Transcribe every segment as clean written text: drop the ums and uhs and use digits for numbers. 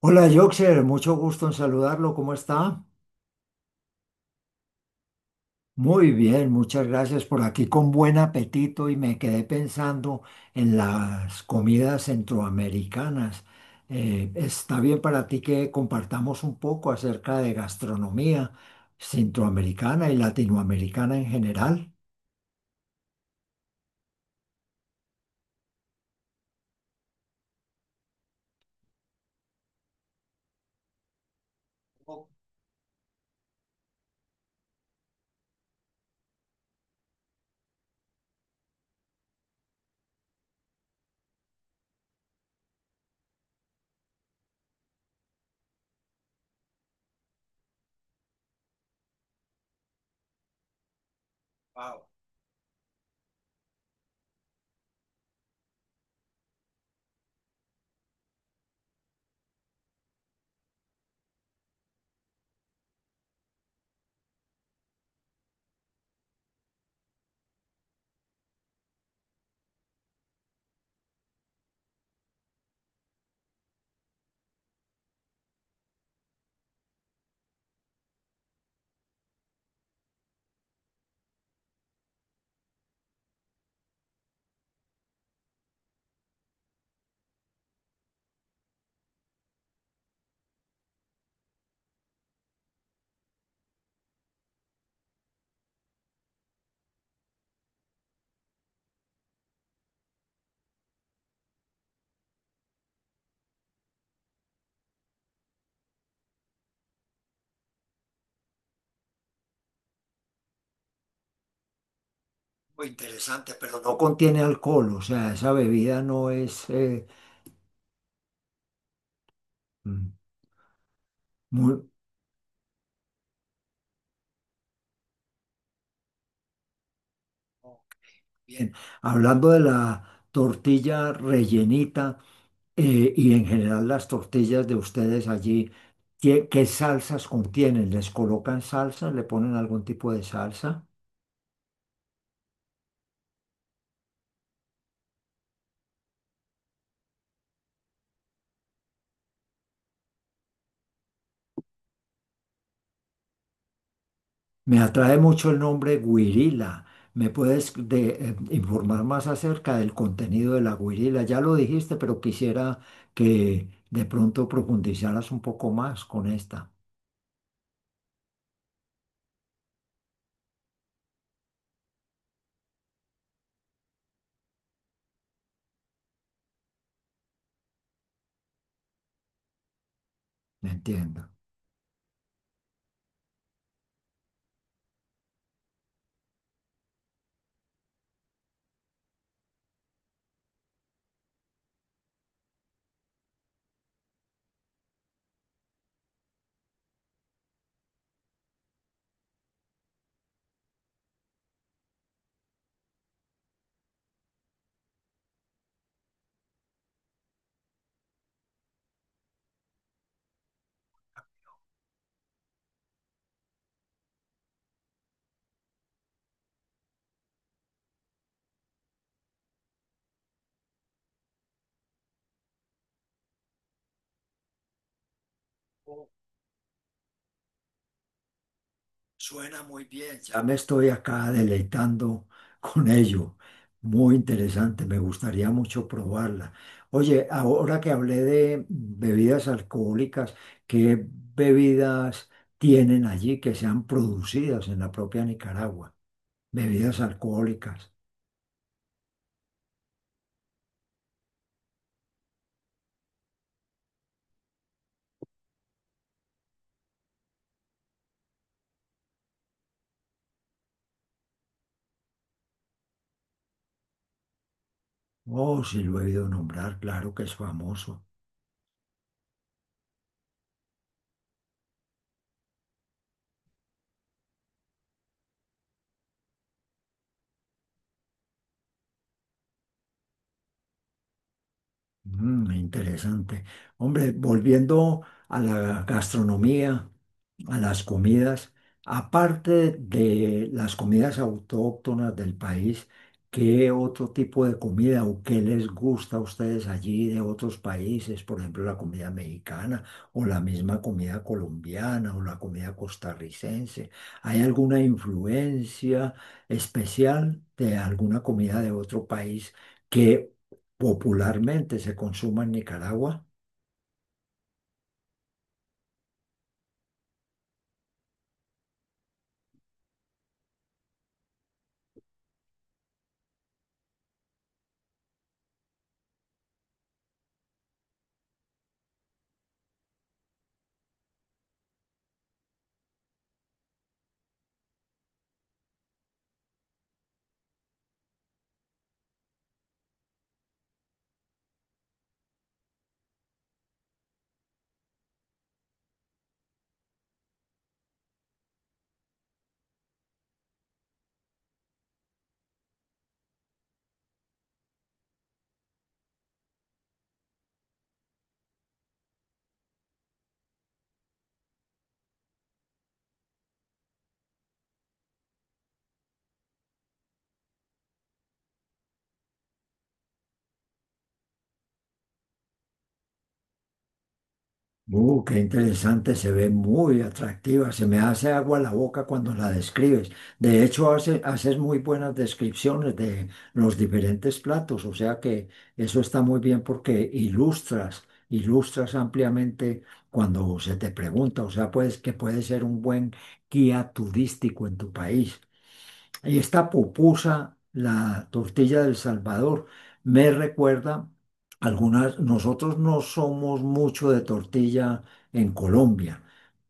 Hola, Yoxer, mucho gusto en saludarlo. ¿Cómo está? Muy bien, muchas gracias, por aquí con buen apetito y me quedé pensando en las comidas centroamericanas. ¿Está bien para ti que compartamos un poco acerca de gastronomía centroamericana y latinoamericana en general? Muy interesante, pero no contiene alcohol, o sea, esa bebida no es mm, muy bien. Hablando de la tortilla rellenita. Y en general las tortillas de ustedes allí, ¿qué, qué salsas contienen? ¿Les colocan salsa? ¿Le ponen algún tipo de salsa? Me atrae mucho el nombre guirila. ¿Me puedes informar más acerca del contenido de la guirila? Ya lo dijiste, pero quisiera que de pronto profundizaras un poco más con esta. ¿Me entiendo? Suena muy bien, ya me estoy acá deleitando con ello. Muy interesante, me gustaría mucho probarla. Oye, ahora que hablé de bebidas alcohólicas, ¿qué bebidas tienen allí que sean producidas en la propia Nicaragua? Bebidas alcohólicas. Oh, sí lo he oído nombrar, claro que es famoso. Mm, interesante. Hombre, volviendo a la gastronomía, a las comidas, aparte de las comidas autóctonas del país, ¿qué otro tipo de comida o qué les gusta a ustedes allí de otros países? Por ejemplo, la comida mexicana o la misma comida colombiana o la comida costarricense. ¿Hay alguna influencia especial de alguna comida de otro país que popularmente se consuma en Nicaragua? Qué interesante, se ve muy atractiva, se me hace agua la boca cuando la describes. De hecho, haces muy buenas descripciones de los diferentes platos, o sea que eso está muy bien porque ilustras, ilustras ampliamente cuando se te pregunta, o sea, pues que puede ser un buen guía turístico en tu país. Y esta pupusa, la tortilla del Salvador, me recuerda algunas, nosotros no somos mucho de tortilla en Colombia,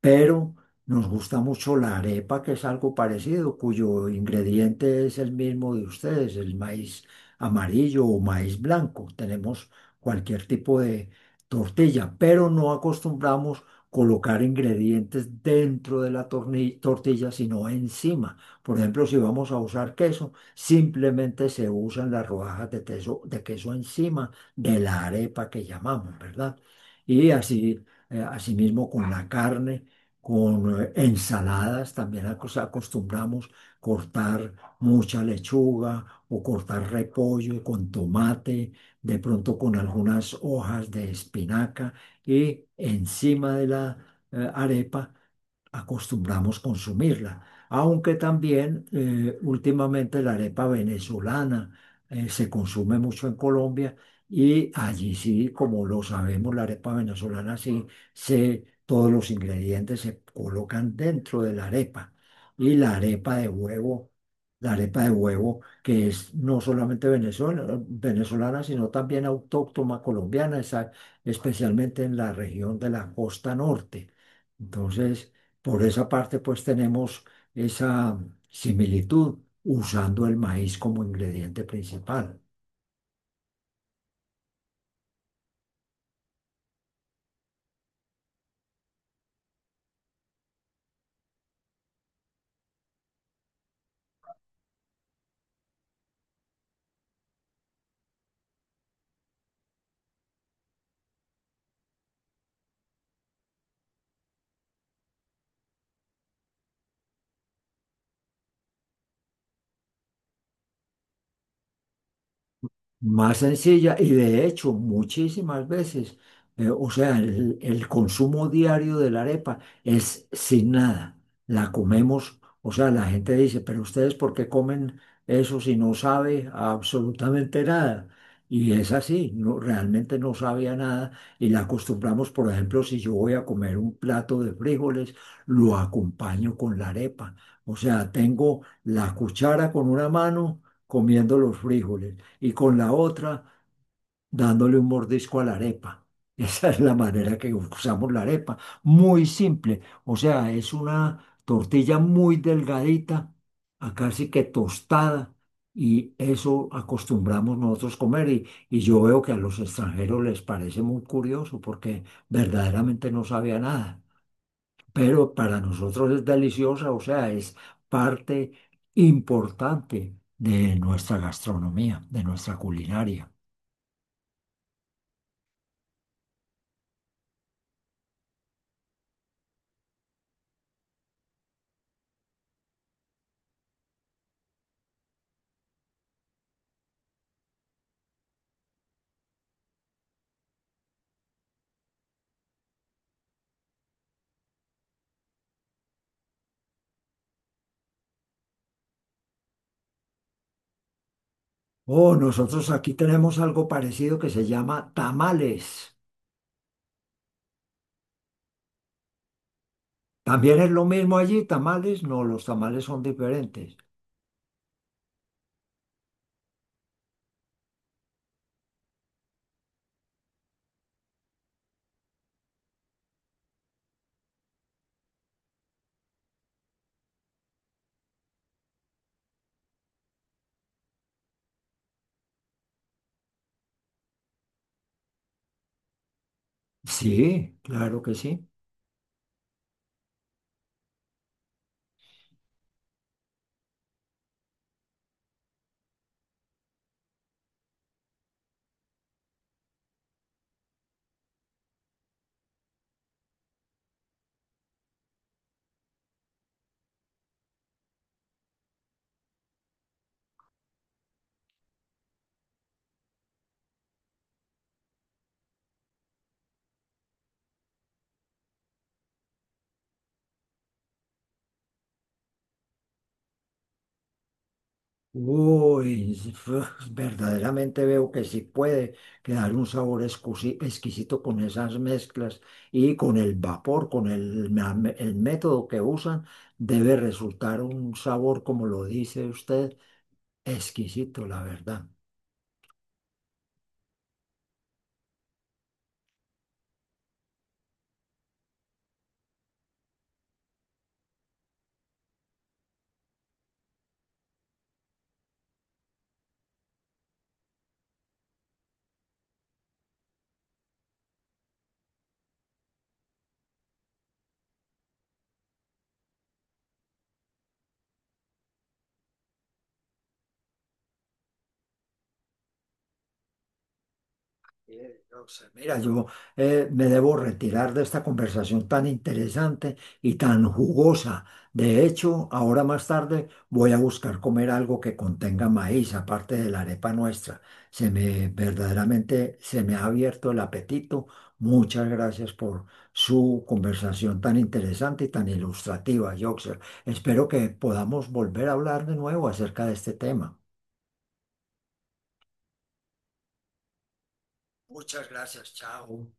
pero nos gusta mucho la arepa, que es algo parecido, cuyo ingrediente es el mismo de ustedes, el maíz amarillo o maíz blanco. Tenemos cualquier tipo de tortilla, pero no acostumbramos colocar ingredientes dentro de la tortilla, sino encima. Por ejemplo, si vamos a usar queso, simplemente se usan las rodajas de queso encima de la arepa que llamamos, ¿verdad? Y así, asimismo con la carne, con ensaladas, también acostumbramos cortar mucha lechuga o cortar repollo con tomate, de pronto con algunas hojas de espinaca y encima de la arepa acostumbramos consumirla. Aunque también, últimamente la arepa venezolana se consume mucho en Colombia, y allí sí, como lo sabemos, la arepa venezolana sí se, todos los ingredientes se colocan dentro de la arepa. Y la arepa de huevo, la arepa de huevo que es no solamente venezolana, venezolana, sino también autóctona colombiana, especialmente en la región de la costa norte. Entonces, por esa parte, pues tenemos esa similitud usando el maíz como ingrediente principal. Más sencilla, y de hecho muchísimas veces, o sea, el consumo diario de la arepa es sin nada, la comemos, o sea, la gente dice, pero ustedes ¿por qué comen eso si no sabe absolutamente nada? Y es así, no, realmente no sabía nada, y la acostumbramos, por ejemplo, si yo voy a comer un plato de frijoles, lo acompaño con la arepa, o sea, tengo la cuchara con una mano comiendo los frijoles y con la otra dándole un mordisco a la arepa. Esa es la manera que usamos la arepa. Muy simple. O sea, es una tortilla muy delgadita, a casi que tostada. Y eso acostumbramos nosotros comer, y yo veo que a los extranjeros les parece muy curioso porque verdaderamente no sabía nada. Pero para nosotros es deliciosa, o sea, es parte importante de nuestra gastronomía, de nuestra culinaria. Oh, nosotros aquí tenemos algo parecido que se llama tamales. ¿También es lo mismo allí, tamales? No, los tamales son diferentes. Sí, claro que sí. Uy, verdaderamente veo que sí puede quedar un sabor exquisito con esas mezclas y con el vapor, con el, el método que usan, debe resultar un sabor, como lo dice usted, exquisito, la verdad. Mira, yo, me debo retirar de esta conversación tan interesante y tan jugosa. De hecho, ahora más tarde voy a buscar comer algo que contenga maíz, aparte de la arepa nuestra. Se me, verdaderamente se me ha abierto el apetito. Muchas gracias por su conversación tan interesante y tan ilustrativa, Yoxer. Espero que podamos volver a hablar de nuevo acerca de este tema. Muchas gracias, chao.